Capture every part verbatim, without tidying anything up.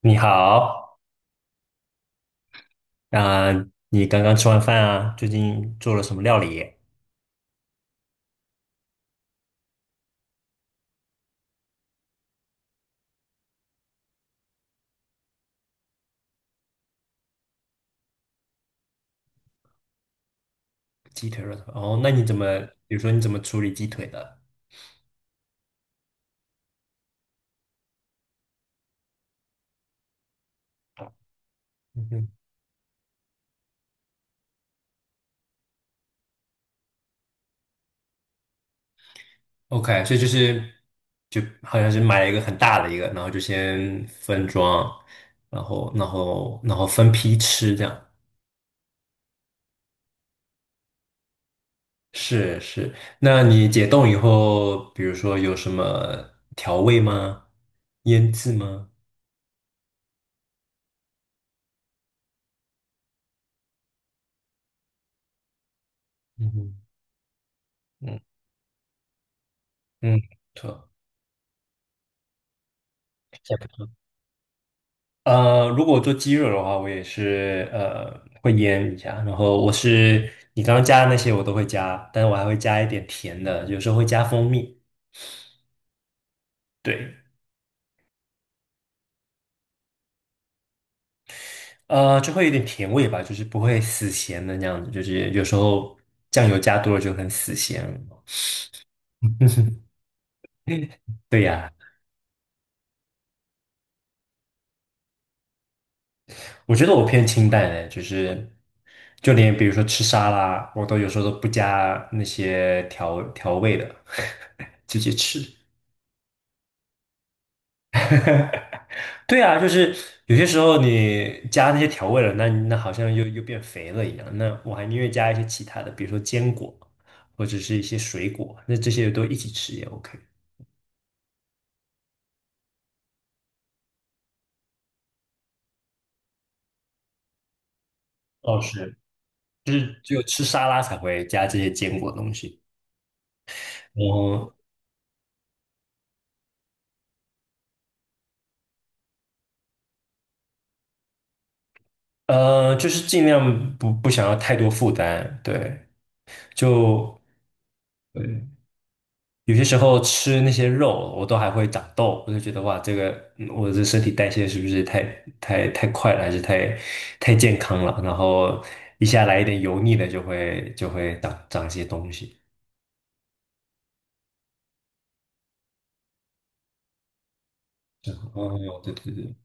你好。啊、你刚刚吃完饭啊？最近做了什么料理？鸡腿肉哦，那你怎么，比如说你怎么处理鸡腿的？嗯哼，OK,所以就是就好像是买了一个很大的一个，然后就先分装，然后然后然后分批吃这样。是是，那你解冻以后，比如说有什么调味吗？腌制吗？嗯哼，嗯嗯，不错。呃，如果做鸡肉的话，我也是呃会腌一下，然后我是你刚刚加的那些我都会加，但是我还会加一点甜的，有时候会加蜂蜜。对，呃，就会有点甜味吧，就是不会死咸的那样子，就是有时候酱油加多了就很死咸。对呀，我觉得我偏清淡的，就是就连比如说吃沙拉，我都有时候都不加那些调调味的，直接吃。对啊，就是有些时候你加那些调味了，那那好像又又变肥了一样。那我还宁愿加一些其他的，比如说坚果或者是一些水果，那这些都一起吃也 OK。哦，是，就是只有吃沙拉才会加这些坚果东西。我呃，就是尽量不不想要太多负担。对，就对有些时候吃那些肉，我都还会长痘，我就觉得哇，这个嗯我的身体代谢是不是太太太快了，还是太太健康了？然后一下来一点油腻的，就会就会长长一些东西。然后哦，对对对，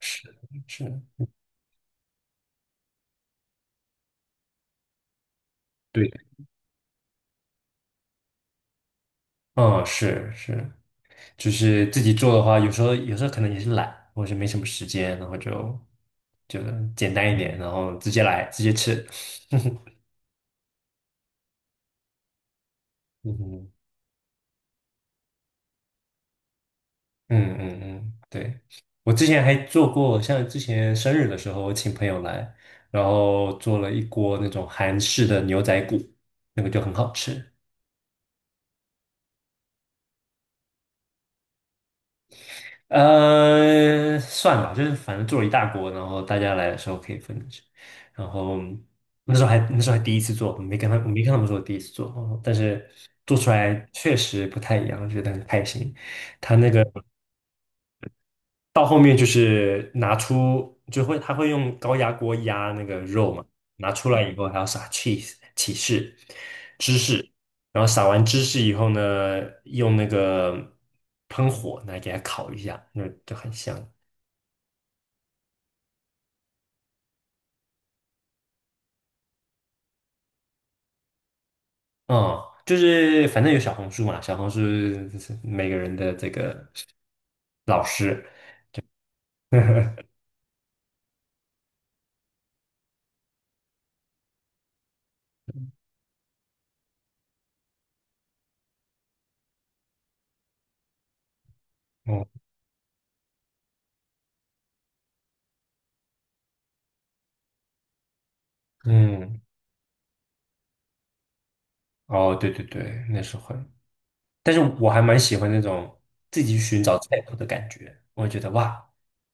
是是，对，嗯，是是，就是自己做的话，有时候有时候可能也是懒，或者是没什么时间，然后就就简单一点，然后直接来，直接吃。嗯哼嗯嗯嗯，对，我之前还做过，像之前生日的时候，我请朋友来，然后做了一锅那种韩式的牛仔骨，那个就很好吃。呃，算了，就是反正做了一大锅，然后大家来的时候可以分着吃。然后那时候还那时候还第一次做，我没跟他我没跟他们说我第一次做，但是做出来确实不太一样，觉得很开心。到后面就是拿出，就会他会用高压锅压那个肉嘛，拿出来以后还要撒 cheese 起士芝士，然后撒完芝士以后呢，用那个喷火来给它烤一下，那就很香。嗯，就是反正有小红书嘛，小红书是每个人的这个老师。哦，嗯，哦，对对对，那是会。但是我还蛮喜欢那种自己寻找菜谱的感觉，我会觉得哇，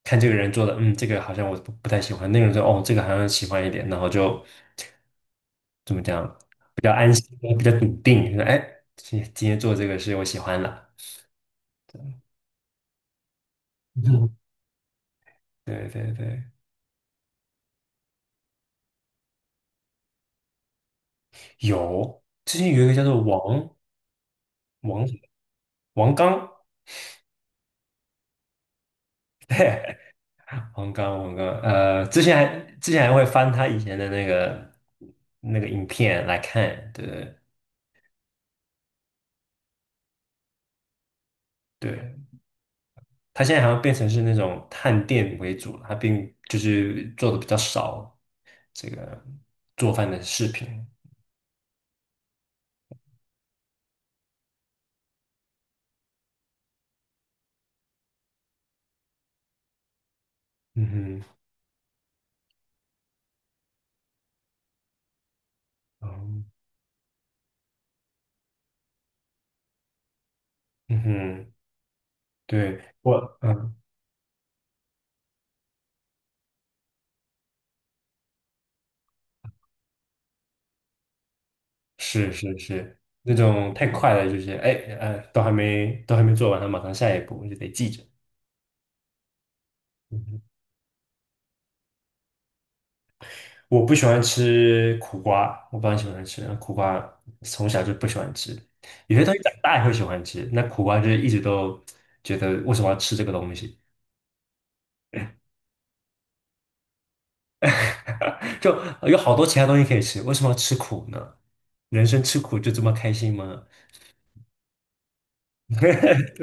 看这个人做的，嗯，这个好像我不不太喜欢，那个人说哦，这个好像喜欢一点，然后就怎么讲，比较安心，比较笃定，说哎，今今天做这个是我喜欢了 嗯对对对，有，之前有一个叫做王王王刚，王刚王刚，呃，之前还之前还会翻他以前的那个那个影片来看，对对对。它现在好像变成是那种探店为主了，它并就是做的比较少这个做饭的视频。嗯哼，嗯嗯哼，对，我，嗯，是是是，那种太快了，就是哎呃，都还没都还没做完，它马上下一步就得记着。我不喜欢吃苦瓜，我不很喜欢吃苦瓜，从小就不喜欢吃。有些东西长大也会喜欢吃，那苦瓜就是一直都觉得为什么要吃这个东西。就有好多其他东西可以吃，为什么要吃苦呢？人生吃苦就这么开心吗？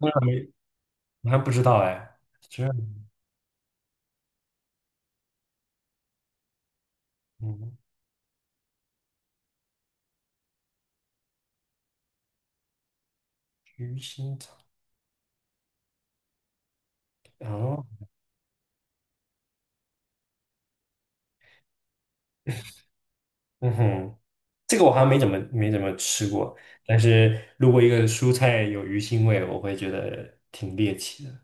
我还没，我还不知道哎。这样嗯鱼腥草，哦，嗯哼，这个我好像没怎么没怎么吃过，但是如果一个蔬菜有鱼腥味，我会觉得挺猎奇的。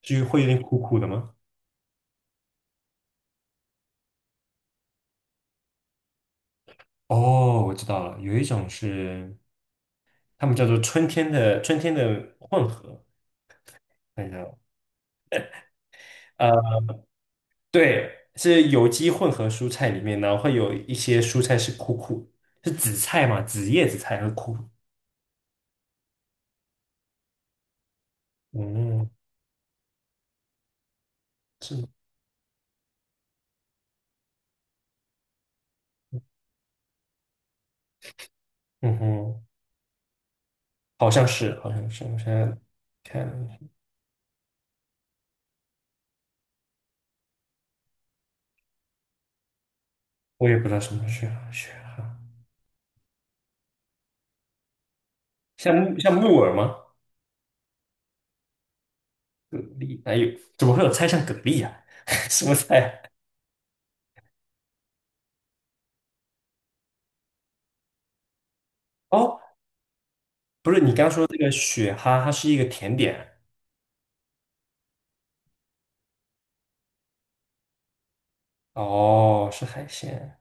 至于会有点苦苦的吗？哦，我知道了，有一种是他们叫做春天的春天的混合，看一下啊。对，是有机混合蔬菜里面呢，会有一些蔬菜是苦苦，是紫菜嘛，紫叶紫菜和苦，嗯，是吗，嗯哼，好像是，好像是，我现在看，我也不知道什么是雪蛤，像木像木耳吗？蛤蜊，还有怎么会有菜像蛤蜊啊？什么菜啊哦，不是，你刚说这个雪蛤，它是一个甜点，哦，是海鲜，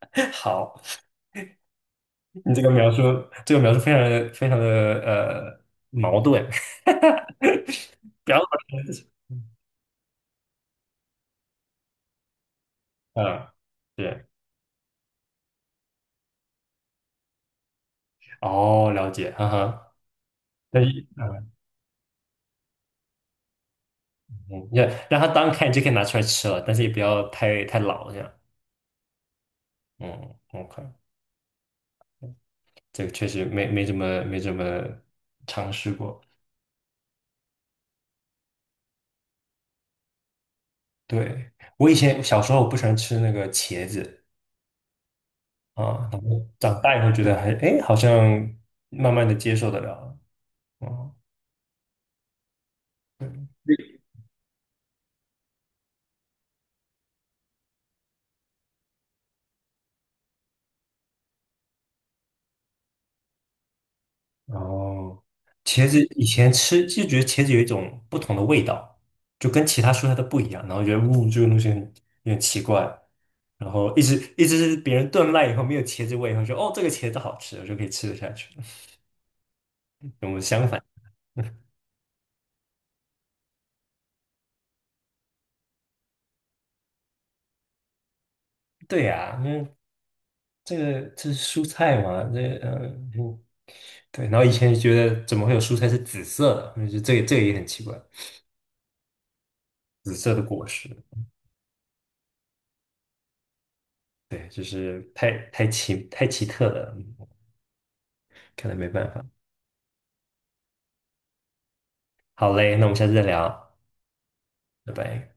好。你这个描述，这个描述非常的非常的呃矛盾。不要老嗯，对，哦，了解，哈哈。但是，嗯，要让它当你就可以拿出来吃了，但是也不要太太老这样。嗯，OK,这个确实没没怎么没怎么尝试过。对，我以前小时候我不喜欢吃那个茄子啊，然后长大以后觉得还哎，诶好像慢慢的接受得了。哦，对哦，茄子以前吃就觉得茄子有一种不同的味道，就跟其他蔬菜都不一样，然后觉得呜这个东西很有点奇怪，然后一直一直是别人炖烂以后没有茄子味以后，说哦这个茄子好吃，我就可以吃得下去。跟我相反，对呀、因为这个这是蔬菜嘛，这呃嗯对，然后以前就觉得怎么会有蔬菜是紫色的，嗯就这个这个也很奇怪，紫色的果实，对，就是太太奇太奇特了，嗯看来没办法。好嘞，那我们下次再聊，拜拜。